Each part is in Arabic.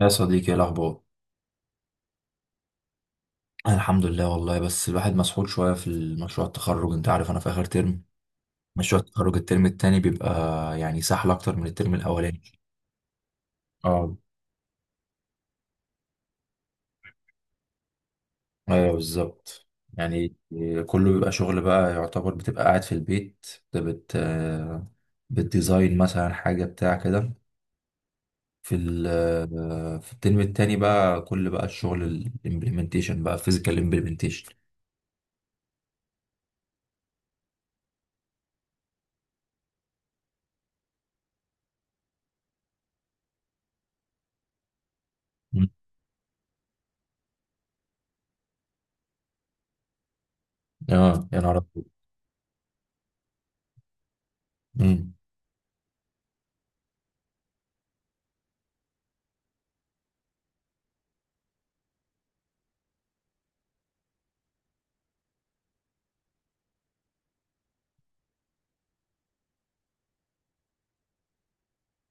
يا صديقي، ايه الاخبار؟ أنا الحمد لله والله، بس الواحد مسحول شويه في المشروع التخرج. انت عارف انا في اخر ترم. مشروع التخرج الترم التاني بيبقى يعني سهل اكتر من الترم الاولاني. اه، ايوه بالظبط. يعني كله بيبقى شغل بقى، يعتبر بتبقى قاعد في البيت، بت بت- بتديزاين مثلا حاجه بتاع كده. في الترم التاني بقى كل بقى الشغل الامبلمنتيشن بقى، فيزيكال امبلمنتيشن. اه يا نهار أبيض. مم.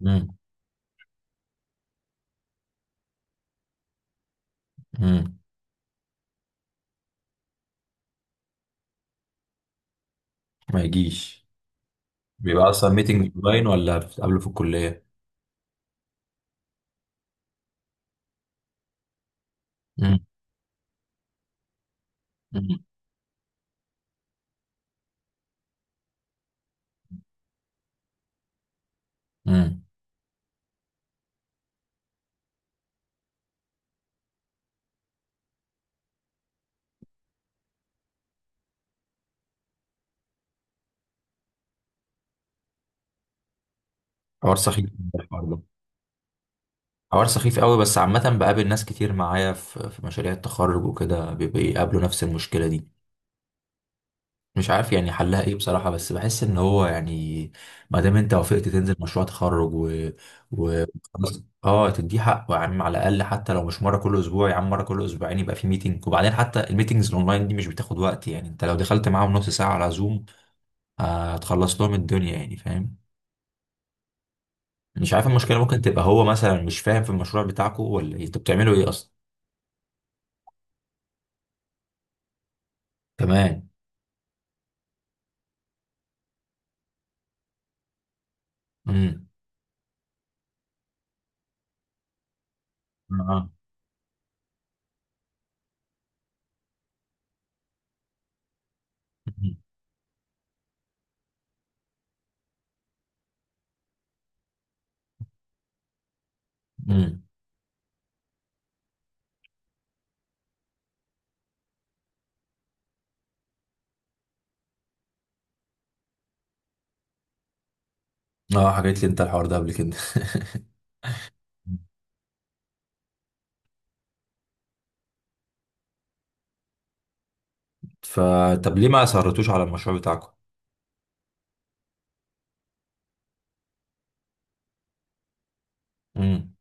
مم. مم. ما يجيش. بيبقى اصلا ميتنج اونلاين ولا بتتقابلوا في الكليه؟ امم. امم. أمم. حوار سخيف جداً الحوار ده. حوار سخيف قوي، بس عامه بقابل ناس كتير معايا في مشاريع التخرج وكده بيقابلوا نفس المشكله دي. مش عارف يعني حلها ايه بصراحه، بس بحس ان هو يعني ما دام انت وافقت تنزل مشروع تخرج و خلاص، اه تديه حقه يا عم. على الاقل حتى لو مش مره كل اسبوع يا عم، مره كل اسبوعين يبقى في ميتنج. وبعدين حتى الميتنجز الاونلاين دي مش بتاخد وقت يعني، انت لو دخلت معاهم نص ساعه على زوم هتخلص لهم الدنيا يعني، فاهم؟ مش عارف، المشكلة ممكن تبقى هو مثلا مش فاهم في المشروع بتاعكو ولا إيه؟ انتوا بتعملوا ايه اصلا؟ كمان. امم. اه. امم. اه حكيت لي انت الحوار ده قبل كده. فطب ليه ما اصرتوش على المشروع بتاعكم؟ امم.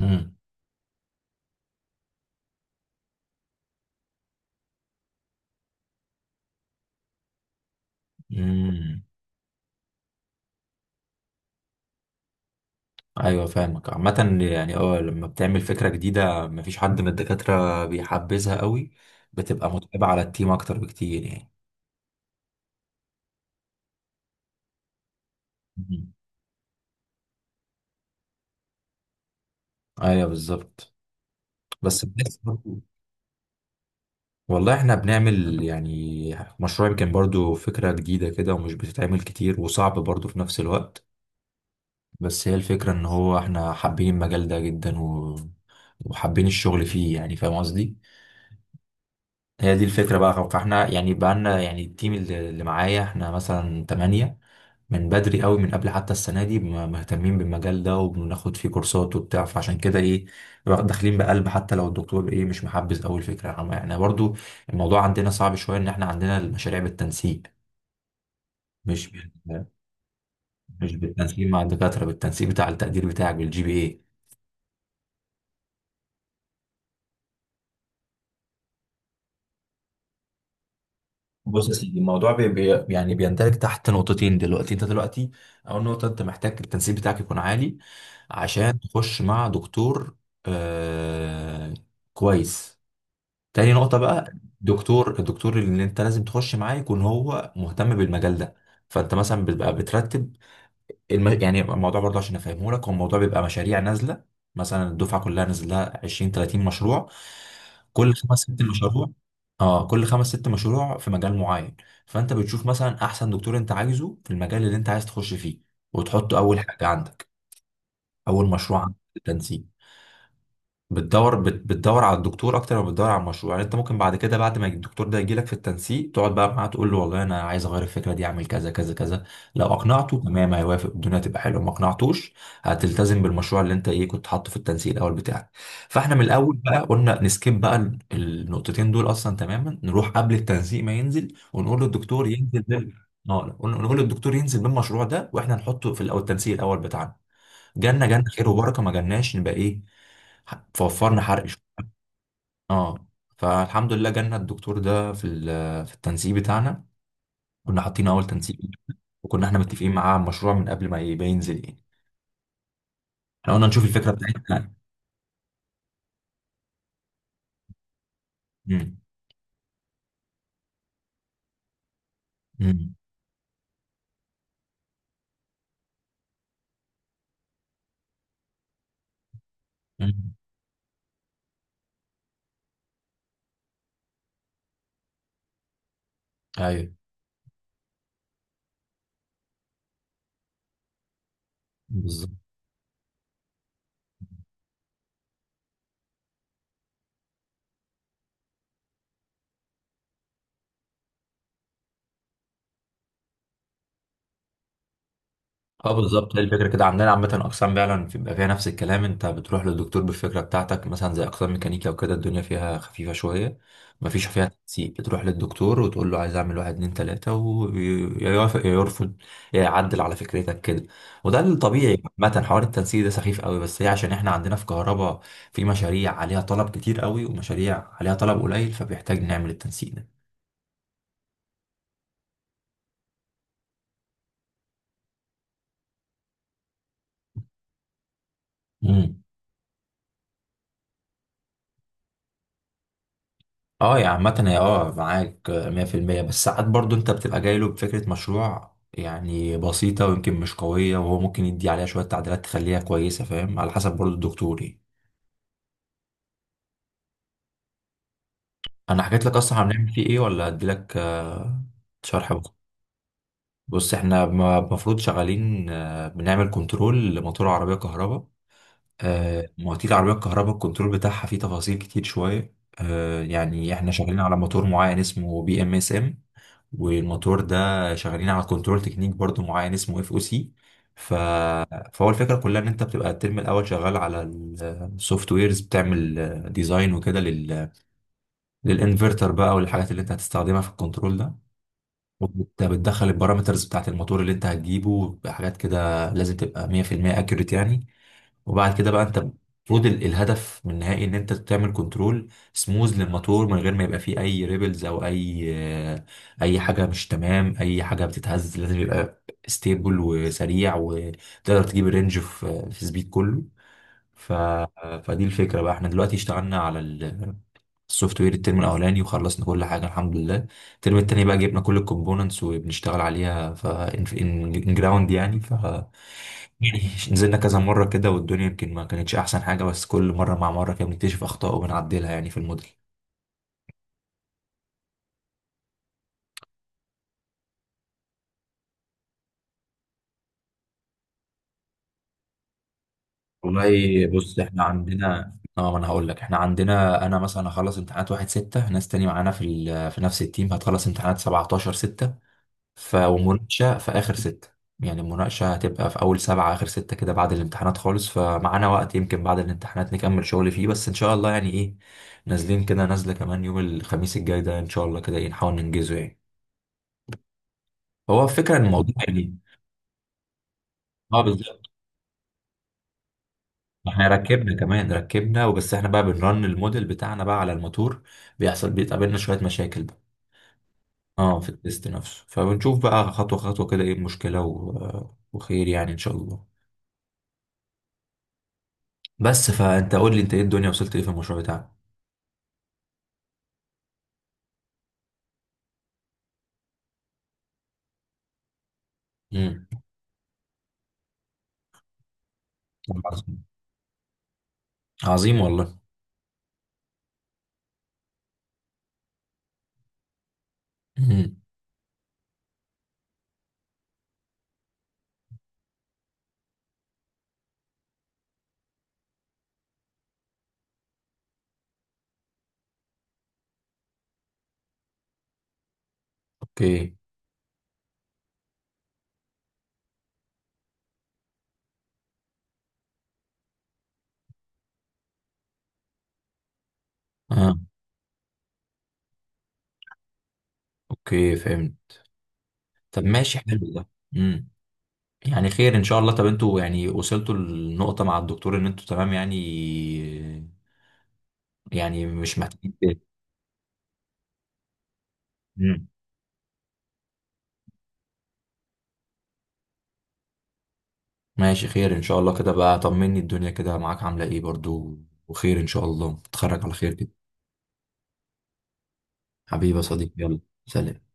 امم. امم. ايوه فاهمك. عامه يعني اه، لما بتعمل فكره جديده مفيش حد من الدكاتره بيحبذها قوي. بتبقى متعبه على التيم اكتر بكتير يعني. مم. ايوه بالظبط. بس بحس برضه، والله احنا بنعمل يعني مشروع يمكن برضو فكرة جديدة كده ومش بتتعمل كتير وصعب برضو في نفس الوقت. بس هي الفكرة ان هو احنا حابين المجال ده جدا، وحابين الشغل فيه يعني، فاهم قصدي؟ هي دي الفكرة بقى. فاحنا يعني بقالنا يعني التيم اللي معايا، احنا مثلا تمانية، من بدري قوي، من قبل حتى السنة دي مهتمين بالمجال ده وبناخد فيه كورسات وبتاع. فعشان كده ايه، داخلين بقلب. حتى لو الدكتور ايه مش محبذ قوي الفكرة، يعني احنا برضو. الموضوع عندنا صعب شوية ان احنا عندنا المشاريع بالتنسيق. مش بال... مش بالتنسيق مع الدكاترة، بالتنسيق بتاع التقدير بتاعك، بالجي بي اي. بص يا سيدي، الموضوع بي بي يعني بيندرج تحت نقطتين دلوقتي. انت دلوقتي اول نقطه انت محتاج التنسيق بتاعك يكون عالي عشان تخش مع دكتور. آه، كويس. تاني نقطه بقى، الدكتور اللي انت لازم تخش معاه يكون هو مهتم بالمجال ده. فانت مثلا بتبقى بترتب يعني الموضوع برضه عشان افهمه لك، هو الموضوع بيبقى مشاريع نازله، مثلا الدفعه كلها نازل لها 20 30 مشروع، كل خمس ست مشروع. اه كل خمس ست مشروع في مجال معين، فانت بتشوف مثلا احسن دكتور انت عايزه في المجال اللي انت عايز تخش فيه وتحطه اول حاجه عندك، اول مشروع عندك في التنسيق. بتدور على الدكتور اكتر ما بتدور على المشروع. يعني انت ممكن بعد كده، بعد ما الدكتور ده يجيلك في التنسيق، تقعد بقى معاه تقول له والله انا عايز اغير الفكره دي، اعمل كذا كذا كذا. لو اقنعته تمام هيوافق، الدنيا تبقى حلوه. ما اقنعتوش، هتلتزم بالمشروع اللي انت ايه كنت حاطه في التنسيق الاول بتاعك. فاحنا من الاول بقى قلنا نسكيب بقى النقطتين دول اصلا تماما. نروح قبل التنسيق ما ينزل ونقول للدكتور ينزل بال... آه، نقول للدكتور ينزل بالمشروع ده، واحنا نحطه في التنسيق الاول بتاعنا. جالنا جالنا خير وبركه، ما جالناش نبقى ايه، فوفرنا حرق شوية. اه فالحمد لله جالنا الدكتور ده في التنسيق بتاعنا، كنا حاطين اول تنسيق، وكنا احنا متفقين معاه على المشروع من قبل ما يبقى ينزل يعني. احنا قلنا نشوف الفكره بتاعتنا. امم. امم. أمم. ايوه بالظبط. اه بالظبط. هي الفكره كده عندنا. عامه اقسام فعلا بيبقى فيها نفس الكلام، انت بتروح للدكتور بالفكره بتاعتك مثلا، زي اقسام ميكانيكا وكده الدنيا فيها خفيفه شويه، مفيش فيها تنسيق. بتروح للدكتور وتقول له عايز اعمل واحد اتنين تلاته، ويوافق يا يرفض يا يعدل على فكرتك كده. وده الطبيعي. عامه حوار التنسيق ده سخيف قوي، بس هي عشان احنا عندنا في كهرباء في مشاريع عليها طلب كتير قوي ومشاريع عليها طلب قليل، فبيحتاج نعمل التنسيق ده. مم. اه، يا عامة هي اه معاك مية في المية، بس ساعات برضو انت بتبقى جاي له بفكرة مشروع يعني بسيطة ويمكن مش قوية، وهو ممكن يدي عليها شوية تعديلات تخليها كويسة، فاهم؟ على حسب برضو الدكتور يعني. انا حكيت لك اصلا هنعمل فيه ايه ولا اديلك شرح بكرة؟ بص، احنا المفروض شغالين بنعمل كنترول لموتور عربية كهرباء. مواتير العربية الكهرباء، الكنترول بتاعها فيه تفاصيل كتير شوية. يعني احنا شغالين على موتور معين اسمه بي ام اس ام. والموتور ده شغالين على كنترول تكنيك برضو معين اسمه اف او سي. ف... فهو الفكره كلها ان انت بتبقى الترم الاول شغال على السوفت ويرز، بتعمل ديزاين وكده للانفرتر بقى والحاجات اللي انت هتستخدمها في الكنترول ده. بتدخل البارامترز بتاعت الموتور اللي انت هتجيبه، بحاجات كده لازم تبقى 100% اكيوريت يعني. وبعد كده بقى، انت المفروض الهدف من النهائي ان انت تعمل كنترول سموز للموتور من غير ما يبقى فيه اي ريبلز او اي آه، اي حاجه مش تمام، اي حاجه بتتهز. لازم يبقى ستيبل وسريع وتقدر تجيب الرينج في سبيد كله. ف... فدي الفكره بقى. احنا دلوقتي اشتغلنا على السوفت وير الترم الاولاني وخلصنا كل حاجه الحمد لله. الترم التاني بقى جبنا كل الكومبوننتس وبنشتغل عليها ف ان جراوند يعني. يعني نزلنا كذا مرة كده والدنيا يمكن ما كانتش أحسن حاجة، بس كل مرة مع مرة كده بنكتشف أخطاء وبنعدلها يعني في الموديل. والله بص، احنا عندنا اه، ما انا هقول لك. احنا عندنا انا مثلا هخلص امتحانات واحد ستة، ناس تاني معانا في نفس التيم هتخلص امتحانات 17 ستة. ف ومناقشة في اخر ستة يعني. المناقشة هتبقى في اول سبعة اخر ستة كده، بعد الامتحانات خالص. فمعانا وقت يمكن بعد الامتحانات نكمل شغل فيه، بس ان شاء الله يعني ايه، نازلين كده. نازلة كمان يوم الخميس الجاي ده ان شاء الله كده، ايه، نحاول ننجزه يعني. هو فكرة الموضوع يعني. اه بالظبط. احنا ركبنا. كمان ركبنا وبس. احنا بقى بنرن الموديل بتاعنا بقى على الموتور. بيحصل بيتقابلنا شوية مشاكل بقى. اه في التيست نفسه. فبنشوف بقى خطوة خطوة كده ايه المشكلة، وخير يعني ان شاء الله. بس فانت قول لي انت ايه، الدنيا وصلت ايه في المشروع بتاعك؟ امم. عظيم. عظيم والله. امم. اوكي. اه، اوكي فهمت. طب ماشي حلو ده. امم. يعني خير ان شاء الله. طب انتوا يعني وصلتوا للنقطة مع الدكتور ان انتوا تمام يعني؟ يعني مش محتاج. مم. ماشي خير ان شاء الله كده بقى. طمني الدنيا كده معاك عامله ايه برضو، وخير ان شاء الله تتخرج على خير كده. حبيبي يا صديقي، يلا سلام.